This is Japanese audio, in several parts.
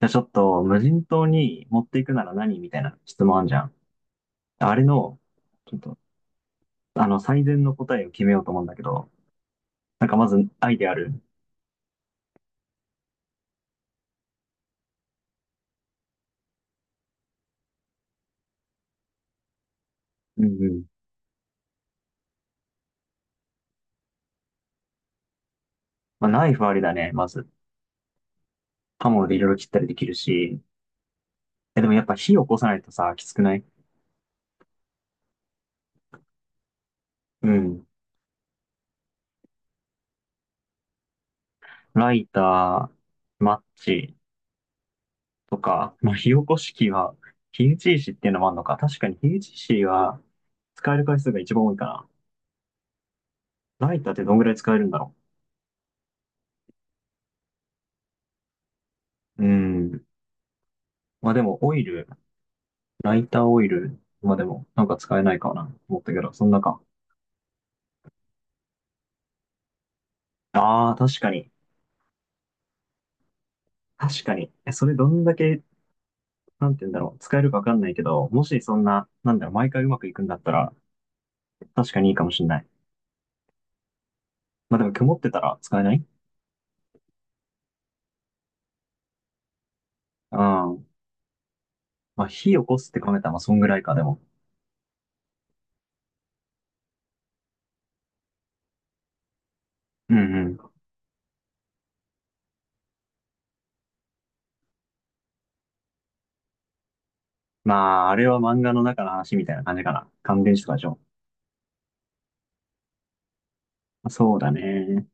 じゃあちょっと、無人島に持っていくなら何みたいな質問あんじゃん。あれの、ちょっと、最善の答えを決めようと思うんだけど、なんかまず、アイデアある？うんうん。まあ、ナイフありだね、まず。刃物でいろいろ切ったりできるし。え、でもやっぱ火を起こさないとさ、きつくない？うん。ライター、マッチとか、まあ、火起こし器は、火打ち石っていうのもあるのか。確かに火打ち石は、使える回数が一番多いかな。ライターってどんぐらい使えるんだろう。うん。まあでも、オイル。ライターオイルまでもなんか使えないかなと思ったけど、そんなか。ああ、確かに。確かに。え、それどんだけ、なんて言うんだろう。使えるかわかんないけど、もしそんな、なんだろう、毎回うまくいくんだったら、確かにいいかもしんない。まあでも曇ってたら使えない？うん。まあ火起こすって考えたら、まあそんぐらいか、でも。うんうん。まあ、あれは漫画の中の話みたいな感じかな。乾電池とかでしょ。そうだね。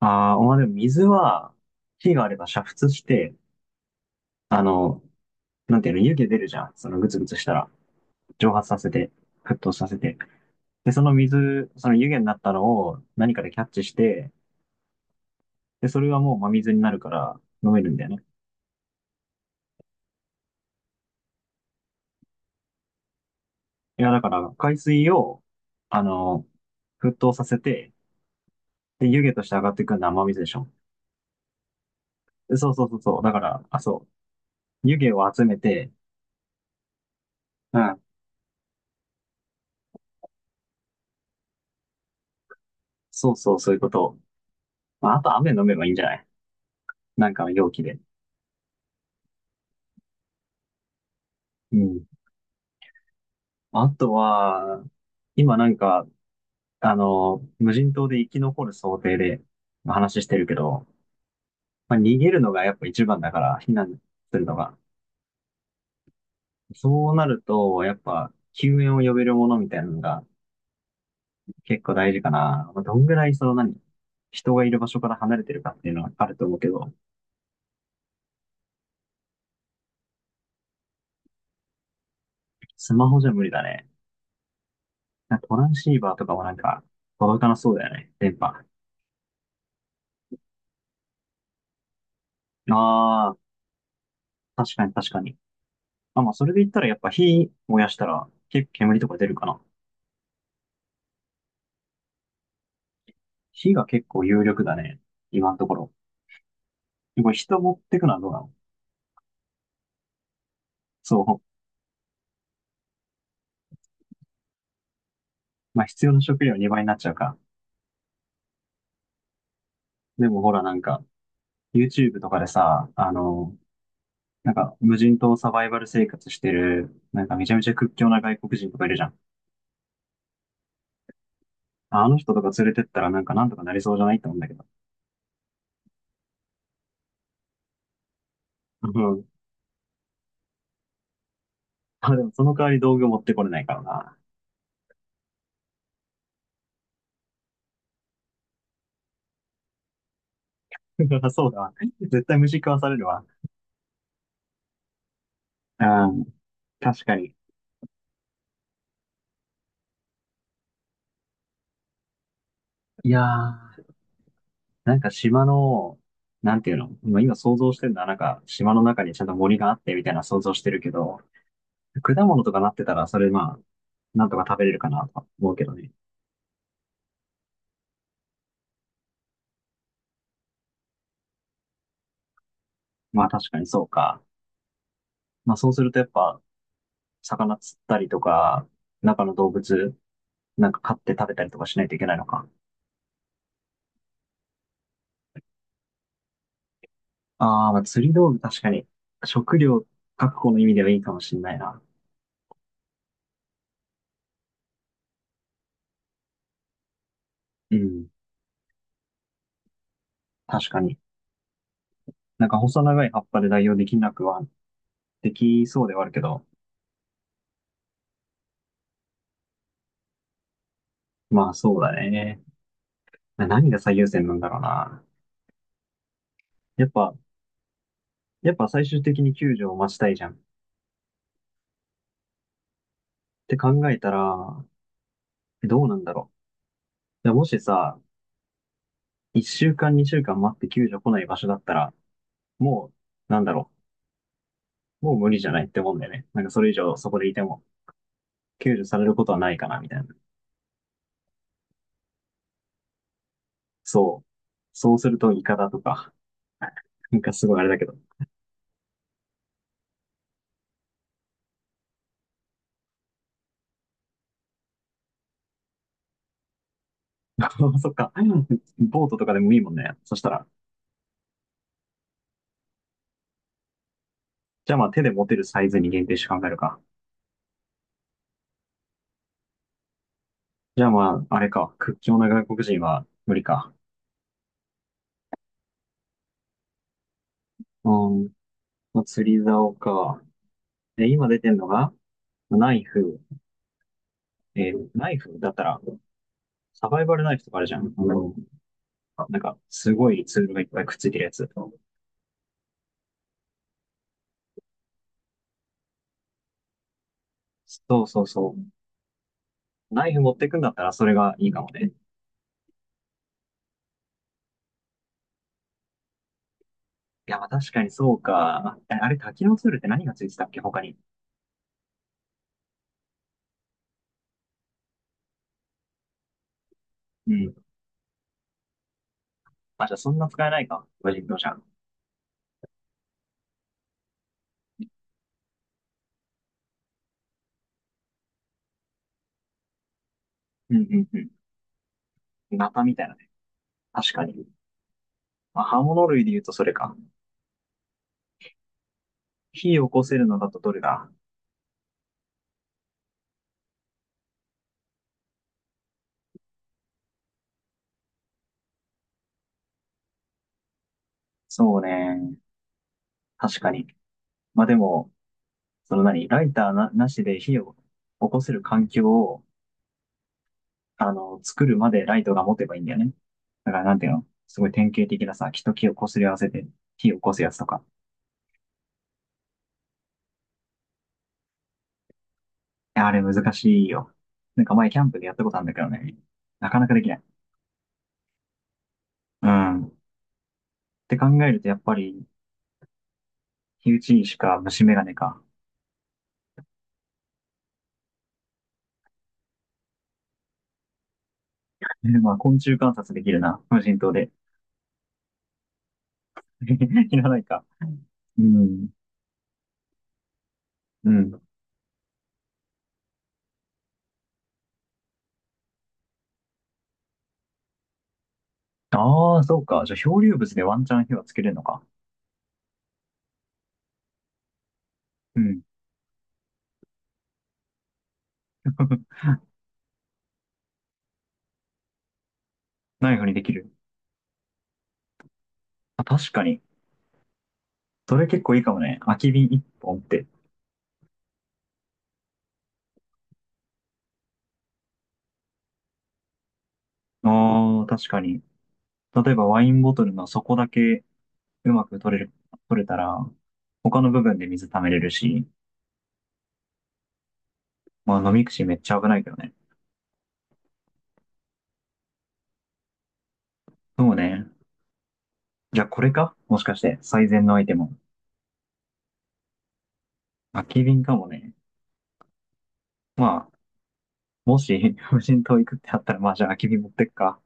ああ、まあでも水は、火があれば煮沸して、あの、なんていうの、湯気出るじゃん。そのぐつぐつしたら。蒸発させて、沸騰させて、で、その水、その湯気になったのを何かでキャッチして、で、それはもう真水になるから飲めるんだよね。いや、だから海水を、あの、沸騰させて、で、湯気として上がってくるのは真水でしょ。でそうそうそうそう。だから、あ、そう。湯気を集めて、うん。そうそう、そういうこと。まあ、あと雨飲めばいいんじゃない？なんかの容器で。うん。あとは、今なんか、無人島で生き残る想定で話してるけど、まあ、逃げるのがやっぱ一番だから、避難するのが。そうなると、やっぱ、救援を呼べるものみたいなのが結構大事かな。まあ、どんぐらいその何、人がいる場所から離れてるかっていうのはあると思うけど、スマホじゃ無理だね。なんかトランシーバーとかもなんか届かなそうだよね、電波。ああ、確かに確かに。あ、まあそれで言ったらやっぱ火燃やしたら結構煙とか出るかな。火が結構有力だね、今のところ。これ人持ってくのはどうなの？そう。まあ必要な食料2倍になっちゃうか。でもほらなんか、YouTube とかでさ、なんか無人島サバイバル生活してる、なんかめちゃめちゃ屈強な外国人とかいるじゃん。あの人とか連れてったらなんかなんとかなりそうじゃないって思うんだけど。うん。あ、でもその代わり道具持ってこれないからな。そうだわ。絶対虫食わされるわ。うん。確かに。いやー、なんか島の、なんていうの今想像してるのはなんか島の中にちゃんと森があってみたいな想像してるけど、果物とかなってたらそれまあ、なんとか食べれるかなとか思うけどね。まあ確かにそうか。まあそうするとやっぱ、魚釣ったりとか、中の動物、なんか飼って食べたりとかしないといけないのか。ああ、まあ釣り道具確かに、食料確保の意味ではいいかもしれないな。うん、確かに。なんか細長い葉っぱで代用できなくは、できそうではあるけど、まあそうだね。何が最優先なんだろうな。やっぱ、やっぱ最終的に救助を待ちたいじゃん。って考えたら、どうなんだろう。いやもしさ、一週間、二週間待って救助来ない場所だったら、もう、なんだろう。もう無理じゃないってもんだよね。なんかそれ以上そこでいても、救助されることはないかな、みたいな。そう。そうすると、イカだとか、なんかすごいあれだけど。そっか。ボートとかでもいいもんね。そしたら。じゃあまあ手で持てるサイズに限定して考えるか。じゃあまあ、あれか。屈強な外国人は無理か。うん。まあ、釣り竿か。え、今出てんのが、ナイフ。ナイフだったら、サバイバルナイフとかあるじゃん。なんか、すごいツールがいっぱいくっついてるやつ。そうそうそう。ナイフ持ってくんだったらそれがいいかもね。いや、まあ確かにそうか。ああれ、多機能ツールって何がついてたっけ、他に。うん。あ、じゃあそんな使えないか。無人島じゃん。うんうんうん。ナタみたいなね。確かに。まあ、刃物類で言うとそれか。火を起こせるのだとどれだ？そうね。確かに。まあでも、その何ライターなしで火を起こせる環境を、作るまでライトが持てばいいんだよね。だからなんていうのすごい典型的なさ、木と木を擦り合わせて火を起こすやつとか。や、あれ難しいよ。なんか前キャンプでやったことあるんだけどね。なかなかできない。うん。って考えるとやっぱり、火打ち石か虫眼鏡か。まあ昆虫観察できるな。無人島で。いらないか。うん。うん。ああ、そうか。じゃあ漂流物でワンチャン火はつけれるのか。うん。ナイフにできる。あ、確かに。それ結構いいかもね。空き瓶一本って。ああ、確かに。例えばワインボトルの底だけうまく取れたら、他の部分で水溜めれるし、まあ、飲み口めっちゃ危ないけどね。そうね。じゃあこれかもしかして、最善のアイテム。空き瓶かもね。まあ、もし 無人島行くってあったら、まあじゃあ空き瓶持ってくか。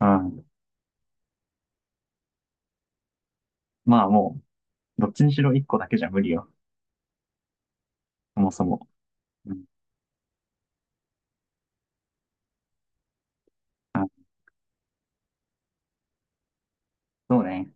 うん。まあもう、どっちにしろ1個だけじゃ無理よ。そもそも。うん。あ、そうね。